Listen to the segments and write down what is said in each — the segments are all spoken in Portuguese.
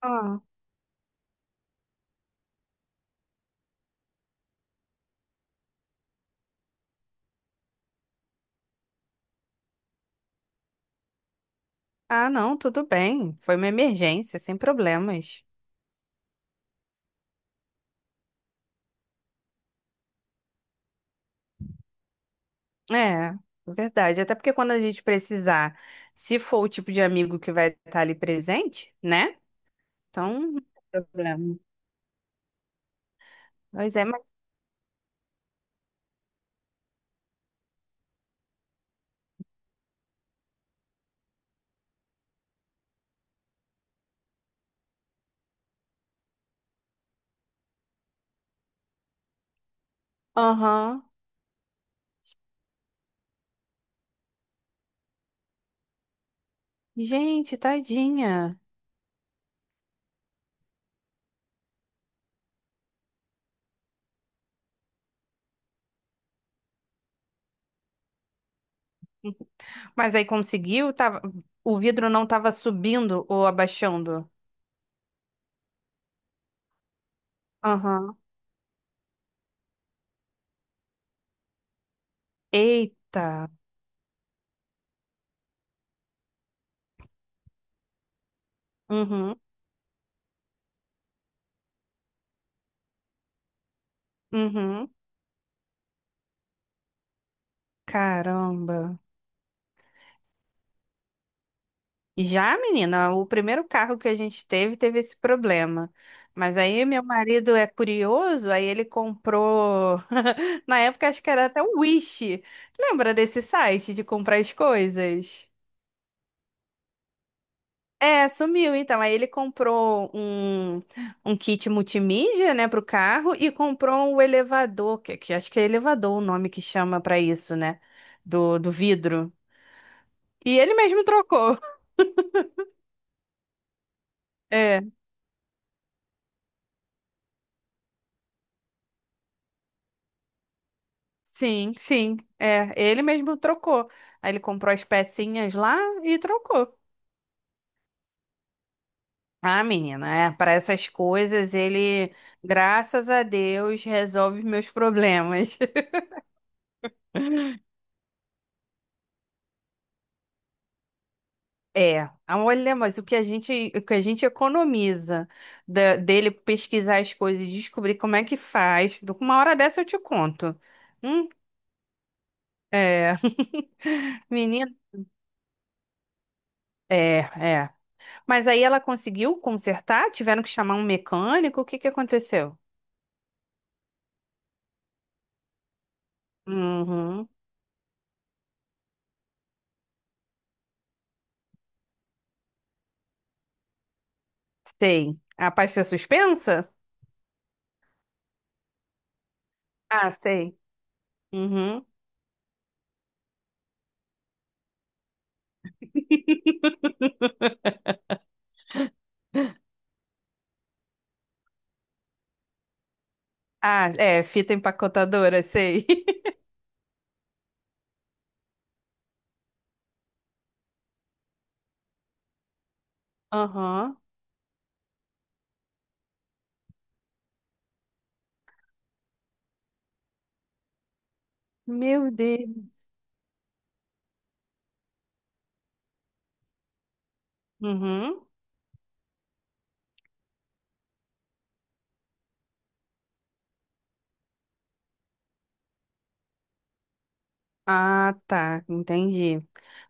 Ah, ah, não, tudo bem. Foi uma emergência, sem problemas. É, verdade. Até porque quando a gente precisar, se for o tipo de amigo que vai estar ali presente, né? Então, não tem problema. Pois é, mas. Aham. Gente, tadinha. Mas aí conseguiu? O vidro não tava subindo ou abaixando? Aham. Eita. Uhum. Uhum. Caramba. Já, menina, o primeiro carro que a gente teve esse problema. Mas aí meu marido é curioso, aí ele comprou. Na época acho que era até o Wish. Lembra desse site de comprar as coisas? É, sumiu então. Aí ele comprou um kit multimídia, né, pro carro e comprou um elevador, que acho que é elevador o nome que chama pra isso, né, do vidro. E ele mesmo trocou. É. Sim, sim. É, ele mesmo trocou. Aí ele comprou as pecinhas lá e trocou. Ah, menina, é, para essas coisas ele, graças a Deus, resolve meus problemas. É, ah, olha, mas o que a gente economiza dele pesquisar as coisas e descobrir como é que faz. Uma hora dessa eu te conto. Hum, É, menina, é, é. Mas aí ela conseguiu consertar? Tiveram que chamar um mecânico? O que que aconteceu? Uhum. Sei. A pasta é suspensa? Ah, sei. Uhum. Ah, é, fita empacotadora, sei. Aham. Meu Deus. Uhum. Ah, tá, entendi.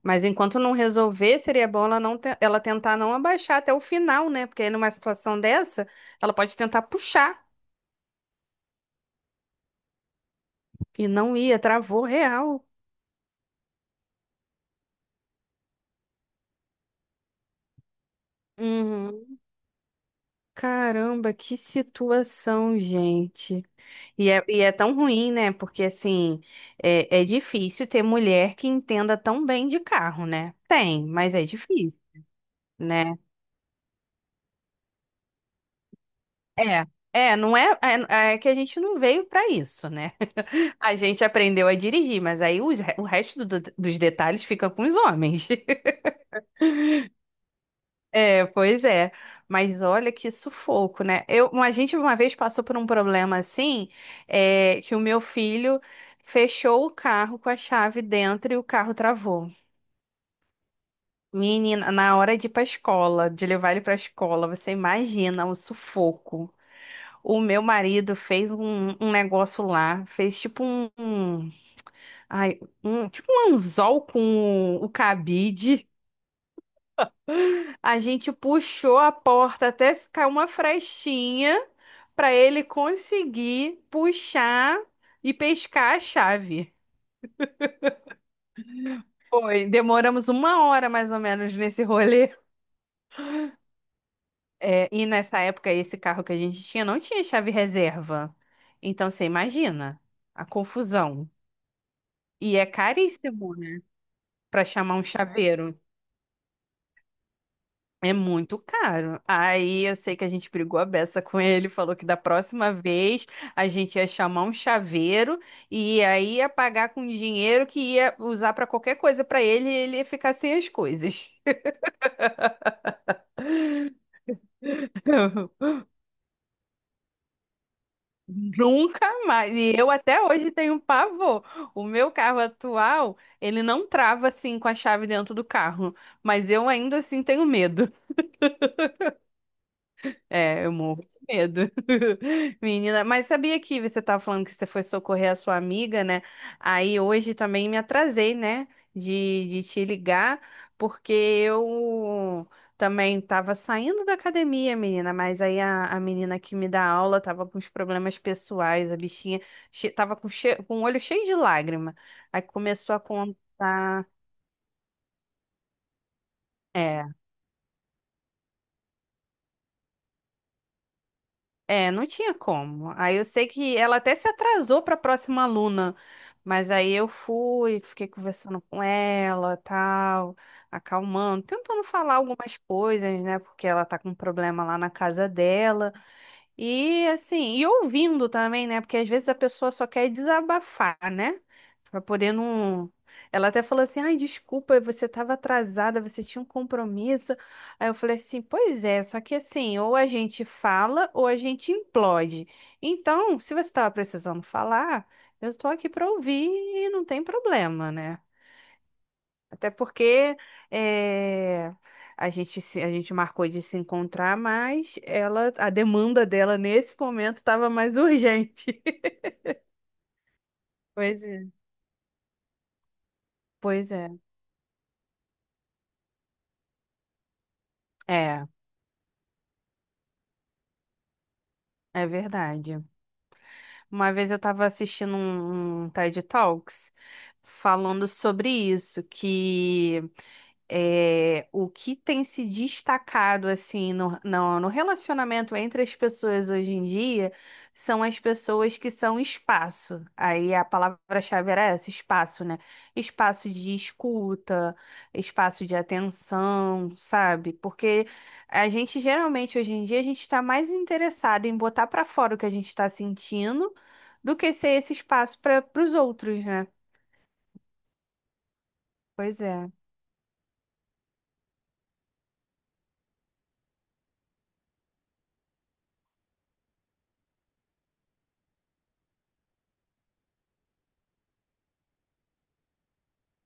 Mas enquanto não resolver, seria bom ela tentar não abaixar até o final, né? Porque aí numa situação dessa, ela pode tentar puxar e não ia, travou real. Uhum. Caramba, que situação, gente. E é tão ruim, né? Porque, assim, é difícil ter mulher que entenda tão bem de carro, né? Tem, mas é difícil, né? É. É, não é, é que a gente não veio pra isso, né? A gente aprendeu a dirigir, mas aí o resto dos detalhes fica com os homens. É, pois é. Mas olha que sufoco, né? A gente uma vez passou por um problema assim, que o meu filho fechou o carro com a chave dentro e o carro travou. Menina, na hora de ir pra escola, de levar ele pra escola, você imagina o sufoco. O meu marido fez um negócio lá, fez tipo tipo um anzol com o cabide. A gente puxou a porta até ficar uma frestinha pra ele conseguir puxar e pescar a chave. Foi, demoramos uma hora mais ou menos nesse rolê. É, e nessa época, esse carro que a gente tinha não tinha chave reserva. Então, você imagina a confusão. E é caríssimo, né? Pra chamar um chaveiro. É muito caro. Aí eu sei que a gente brigou a beça com ele, falou que da próxima vez a gente ia chamar um chaveiro e aí ia pagar com dinheiro que ia usar pra qualquer coisa pra ele e ele ia ficar sem as coisas. Nunca mais. E eu até hoje tenho pavor. O meu carro atual, ele não trava assim com a chave dentro do carro, mas eu ainda assim tenho medo. É, eu morro de medo. Menina, mas sabia que você estava falando que você foi socorrer a sua amiga, né? Aí hoje também me atrasei, né? De te ligar, porque eu também estava saindo da academia, menina, mas aí a menina que me dá aula estava com os problemas pessoais, a bichinha estava com o olho cheio de lágrima. Aí começou a contar. É. É, não tinha como. Aí eu sei que ela até se atrasou para a próxima aluna, mas aí eu fui, fiquei conversando com ela, tal, acalmando, tentando falar algumas coisas, né? Porque ela tá com um problema lá na casa dela. E assim, e ouvindo também, né? Porque às vezes a pessoa só quer desabafar, né? Pra poder não. Ela até falou assim: ai, desculpa, você estava atrasada, você tinha um compromisso. Aí eu falei assim: pois é, só que assim, ou a gente fala ou a gente implode. Então, se você estava precisando falar, eu tô aqui pra ouvir e não tem problema, né? Até porque eh, a gente marcou de se encontrar, mas ela, a demanda dela nesse momento estava mais urgente. Pois é. Pois é. É, é, verdade. Uma vez eu estava assistindo um TED Talks falando sobre isso, que o que tem se destacado assim no relacionamento entre as pessoas hoje em dia são as pessoas que são espaço. Aí a palavra-chave era essa, espaço, né? Espaço de escuta, espaço de atenção, sabe? Porque a gente geralmente hoje em dia a gente está mais interessado em botar para fora o que a gente está sentindo do que ser esse espaço para os outros, né? Pois é.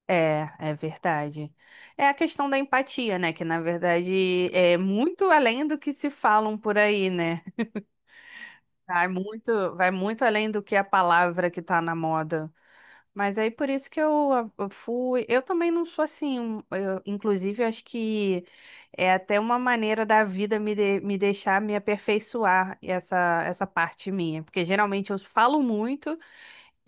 É, verdade. É a questão da empatia, né? Que na verdade é muito além do que se falam por aí, né? Vai muito além do que a palavra que tá na moda. Mas aí por isso que eu fui. Eu também não sou assim. Inclusive, eu acho que é até uma maneira da vida me deixar me aperfeiçoar essa parte minha. Porque geralmente eu falo muito.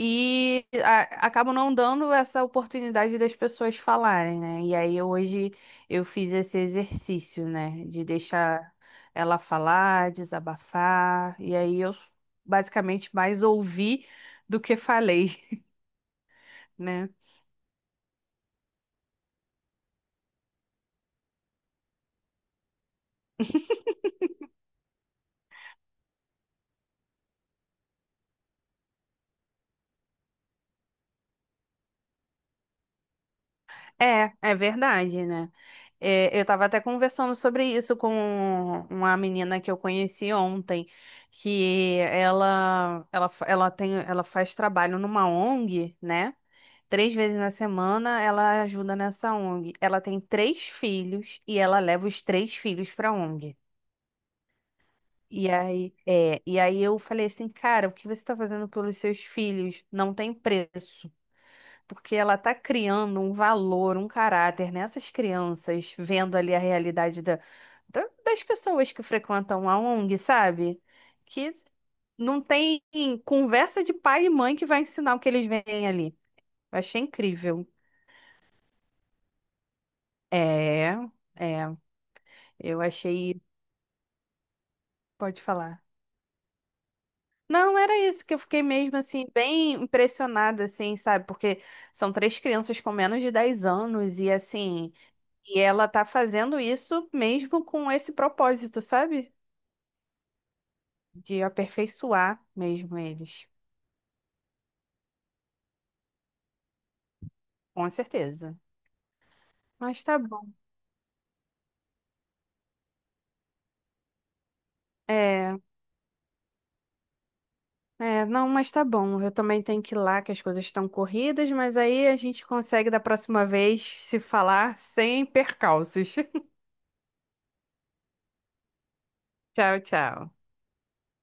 Acabam não dando essa oportunidade das pessoas falarem, né? E aí hoje eu fiz esse exercício, né? De deixar ela falar, desabafar. E aí eu basicamente mais ouvi do que falei, né? É, verdade, né? É, eu estava até conversando sobre isso com uma menina que eu conheci ontem, que ela, fa- ela tem, ela faz trabalho numa ONG, né? Três vezes na semana ela ajuda nessa ONG. Ela tem três filhos e ela leva os três filhos para a ONG. E aí, e aí eu falei assim, cara, o que você está fazendo pelos seus filhos não tem preço, porque ela está criando um valor, um caráter nessas crianças, vendo ali a realidade das pessoas que frequentam a ONG, sabe? Que não tem conversa de pai e mãe que vai ensinar o que eles veem ali. Eu achei incrível. É, é, eu achei. Pode falar. Não, era isso que eu fiquei mesmo assim, bem impressionada, assim, sabe? Porque são três crianças com menos de 10 anos e assim, e ela tá fazendo isso mesmo com esse propósito, sabe? De aperfeiçoar mesmo eles, com certeza. Mas tá bom. É, é, não, mas tá bom. Eu também tenho que ir lá, que as coisas estão corridas, mas aí a gente consegue da próxima vez se falar sem percalços. Tchau, tchau.